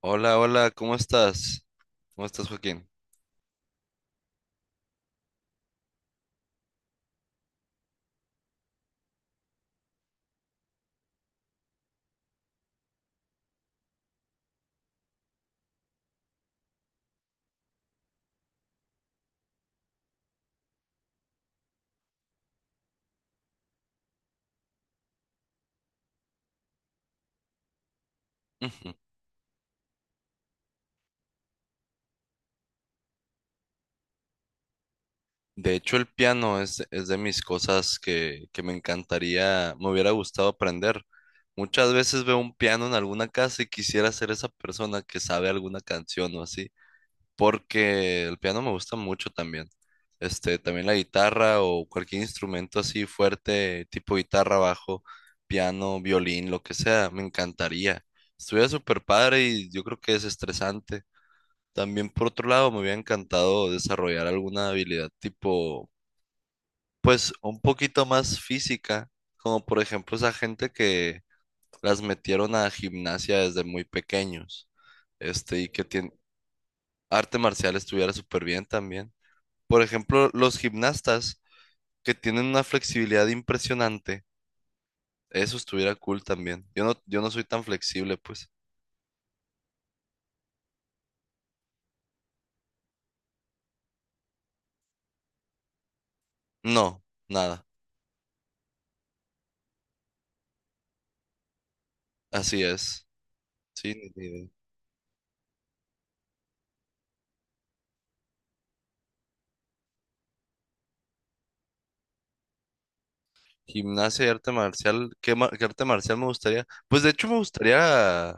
Hola, hola, ¿cómo estás? ¿Cómo estás, Joaquín? Ujú. De hecho, el piano es de mis cosas que me encantaría, me hubiera gustado aprender. Muchas veces veo un piano en alguna casa y quisiera ser esa persona que sabe alguna canción o así, porque el piano me gusta mucho también. Este, también la guitarra o cualquier instrumento así fuerte, tipo guitarra, bajo, piano, violín, lo que sea, me encantaría. Estuviera súper padre y yo creo que es estresante. También por otro lado, me hubiera encantado desarrollar alguna habilidad tipo, pues un poquito más física, como por ejemplo esa gente que las metieron a gimnasia desde muy pequeños, este, y que tiene arte marcial estuviera súper bien también. Por ejemplo, los gimnastas que tienen una flexibilidad impresionante, eso estuviera cool también. Yo no, yo no soy tan flexible, pues. No, nada. Así es. Sí, ni idea. Gimnasia y arte marcial. ¿Qué arte marcial me gustaría? Pues de hecho me gustaría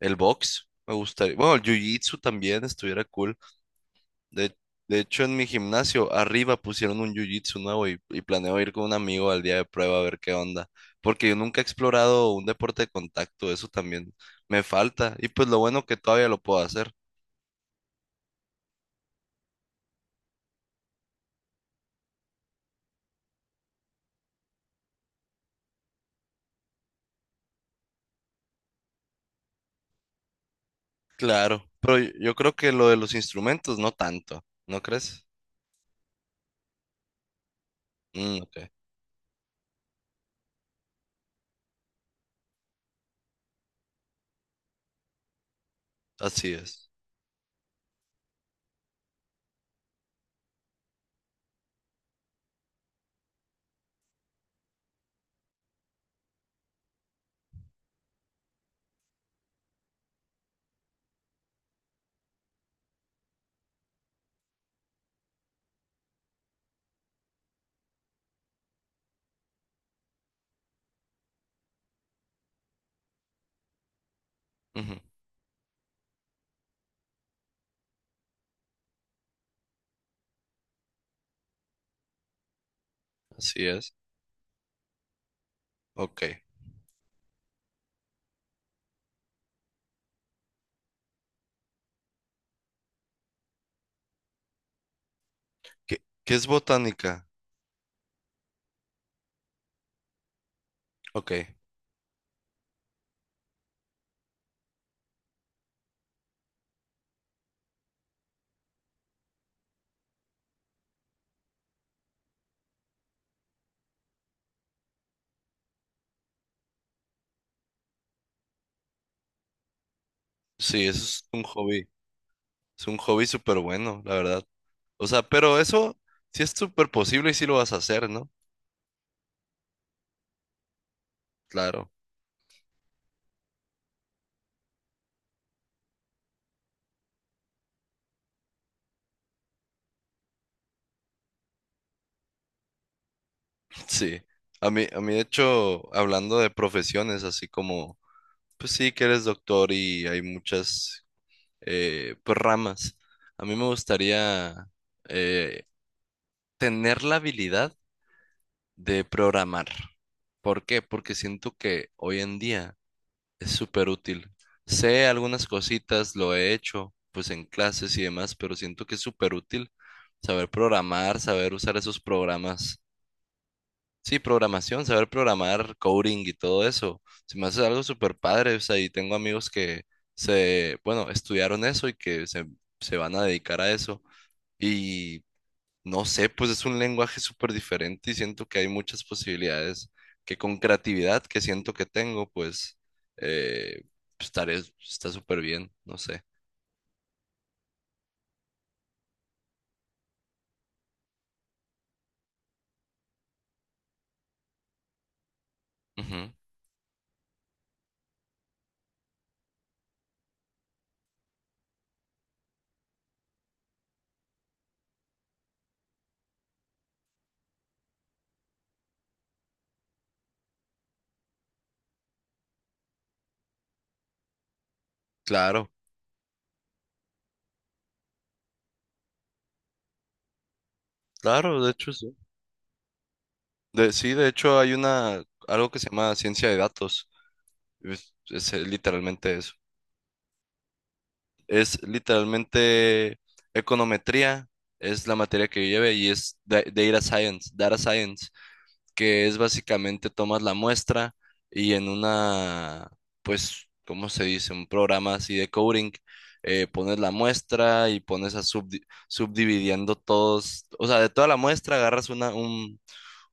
el box. Me gustaría. Bueno, el jiu-jitsu también estuviera cool. De, de hecho, en mi gimnasio arriba pusieron un jiu-jitsu nuevo y planeo ir con un amigo al día de prueba a ver qué onda. Porque yo nunca he explorado un deporte de contacto. Eso también me falta. Y pues lo bueno que todavía lo puedo hacer. Claro. Pero yo creo que lo de los instrumentos no tanto. ¿No crees? Mm, ok. Así es. Ujú. Así es. Ok. ¿Qué, qué es botánica? Ok, sí, eso es un hobby. Es un hobby súper bueno, la verdad. O sea, pero eso sí es súper posible y sí lo vas a hacer, ¿no? Claro, sí. De hecho, hablando de profesiones, así como, pues sí, que eres doctor y hay muchas pues, ramas. A mí me gustaría eh, tener la habilidad de programar. ¿Por qué? Porque siento que hoy en día es súper útil. Sé algunas cositas, lo he hecho pues en clases y demás, pero siento que es súper útil saber programar, saber usar esos programas. Sí, programación, saber programar, coding y todo eso. Se me hace algo súper padre, o sea, y tengo amigos que se, bueno, estudiaron eso y que se van a dedicar a eso. Y no sé, pues es un lenguaje súper diferente y siento que hay muchas posibilidades que con creatividad que siento que tengo, pues eh, estaré, está súper bien, no sé. Ujú. Claro, claro, de hecho sí. Sí, de hecho hay algo que se llama ciencia de datos. Es literalmente eso. Es literalmente econometría, es la materia que yo llevé y es data science. Que es básicamente tomas la muestra y en una, pues, ¿cómo se dice? Un programa así de coding, pones la muestra y pones a subdividiendo todos, o sea, de toda la muestra agarras una, un,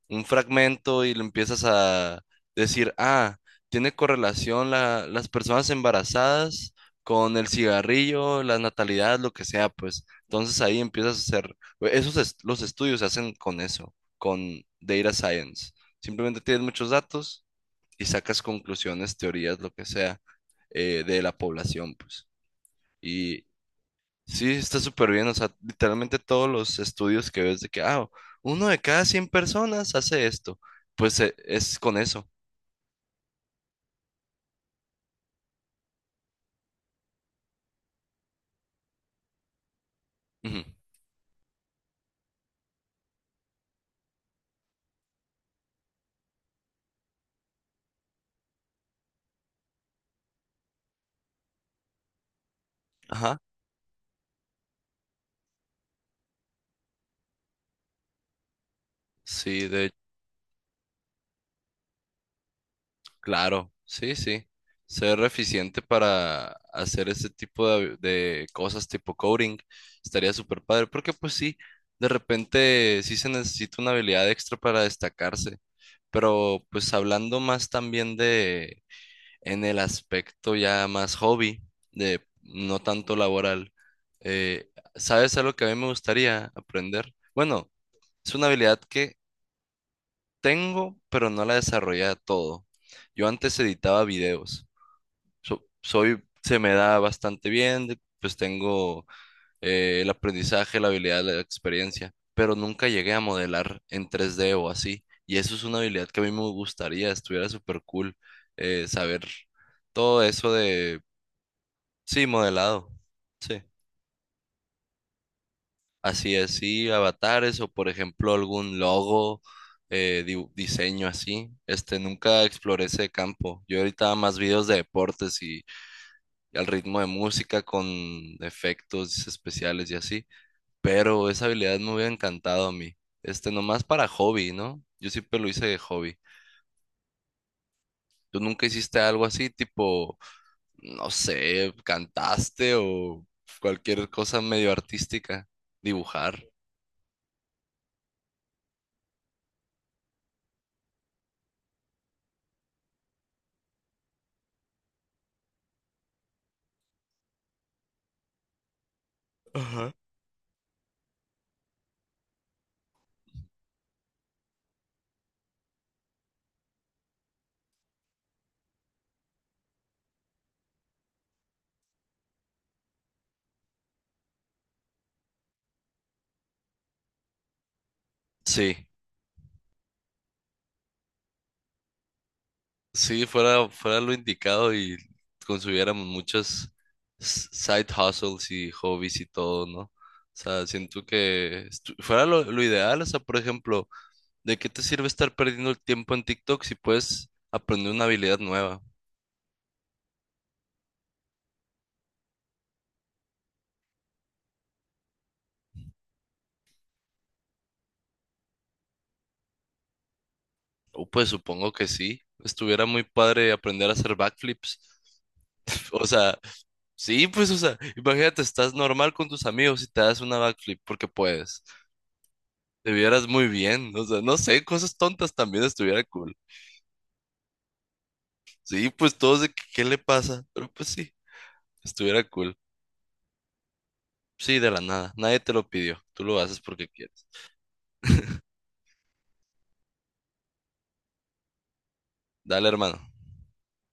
un fragmento y lo empiezas a decir, ah, tiene correlación las personas embarazadas con el cigarrillo, la natalidad, lo que sea, pues. Entonces ahí empiezas a hacer, e, esos est- los estudios se hacen con eso, con data science. Simplemente tienes muchos datos y sacas conclusiones, teorías, lo que sea, de la población, pues. Y sí, está súper bien. O sea, literalmente todos los estudios que ves de que, ah, uno de cada 100 personas hace esto. Pues es con eso. Ujú. Ajá. Sí, claro. Sí, sí. Ser eficiente para hacer ese tipo de cosas tipo coding estaría súper padre. Porque pues sí, de repente sí se necesita una habilidad extra para destacarse. Pero pues hablando más también en el aspecto ya más hobby, de no tanto laboral. Eh, ¿Sabes algo que a mí me gustaría aprender? Bueno, es una habilidad que tengo, pero no la desarrollé a todo. Yo antes editaba videos. Soy, se me da bastante bien, de- pues tengo el aprendizaje, la habilidad, la experiencia, pero nunca llegué a modelar en 3D o así. Y eso es una habilidad que a mí me gustaría, estuviera súper cool saber todo eso de sí, modelado. Sí. Así es, sí, avatares o por ejemplo algún logo, diseño así. Este, nunca exploré ese campo. Yo ahorita hago más videos de deportes y al ritmo de música con efectos especiales y así. Pero esa habilidad me hubiera encantado a mí. Este, nomás para hobby, ¿no? Yo siempre lo hice de hobby. ¿Tú nunca hiciste algo así, tipo, no sé, cantaste o cualquier cosa medio artística? Dibujar. Sí, sí, fuera lo indicado y consumiéramos muchas side hustles y hobbies y todo, ¿no? O sea, siento que fuera lo ideal, o sea, por ejemplo, ¿de qué te sirve estar perdiendo el tiempo en TikTok si puedes aprender una habilidad nueva? O pues supongo que sí, estuviera muy padre aprender a hacer backflips. O sea, sí, pues, o sea, imagínate, estás normal con tus amigos y te das una backflip porque puedes. Te vieras muy bien, o sea, no sé, cosas tontas también estuviera cool. Sí, pues todos de que, ¿qué le pasa? Pero pues sí, estuviera cool. Sí, de la nada, nadie te lo pidió, tú lo haces porque quieres. Dale, hermano.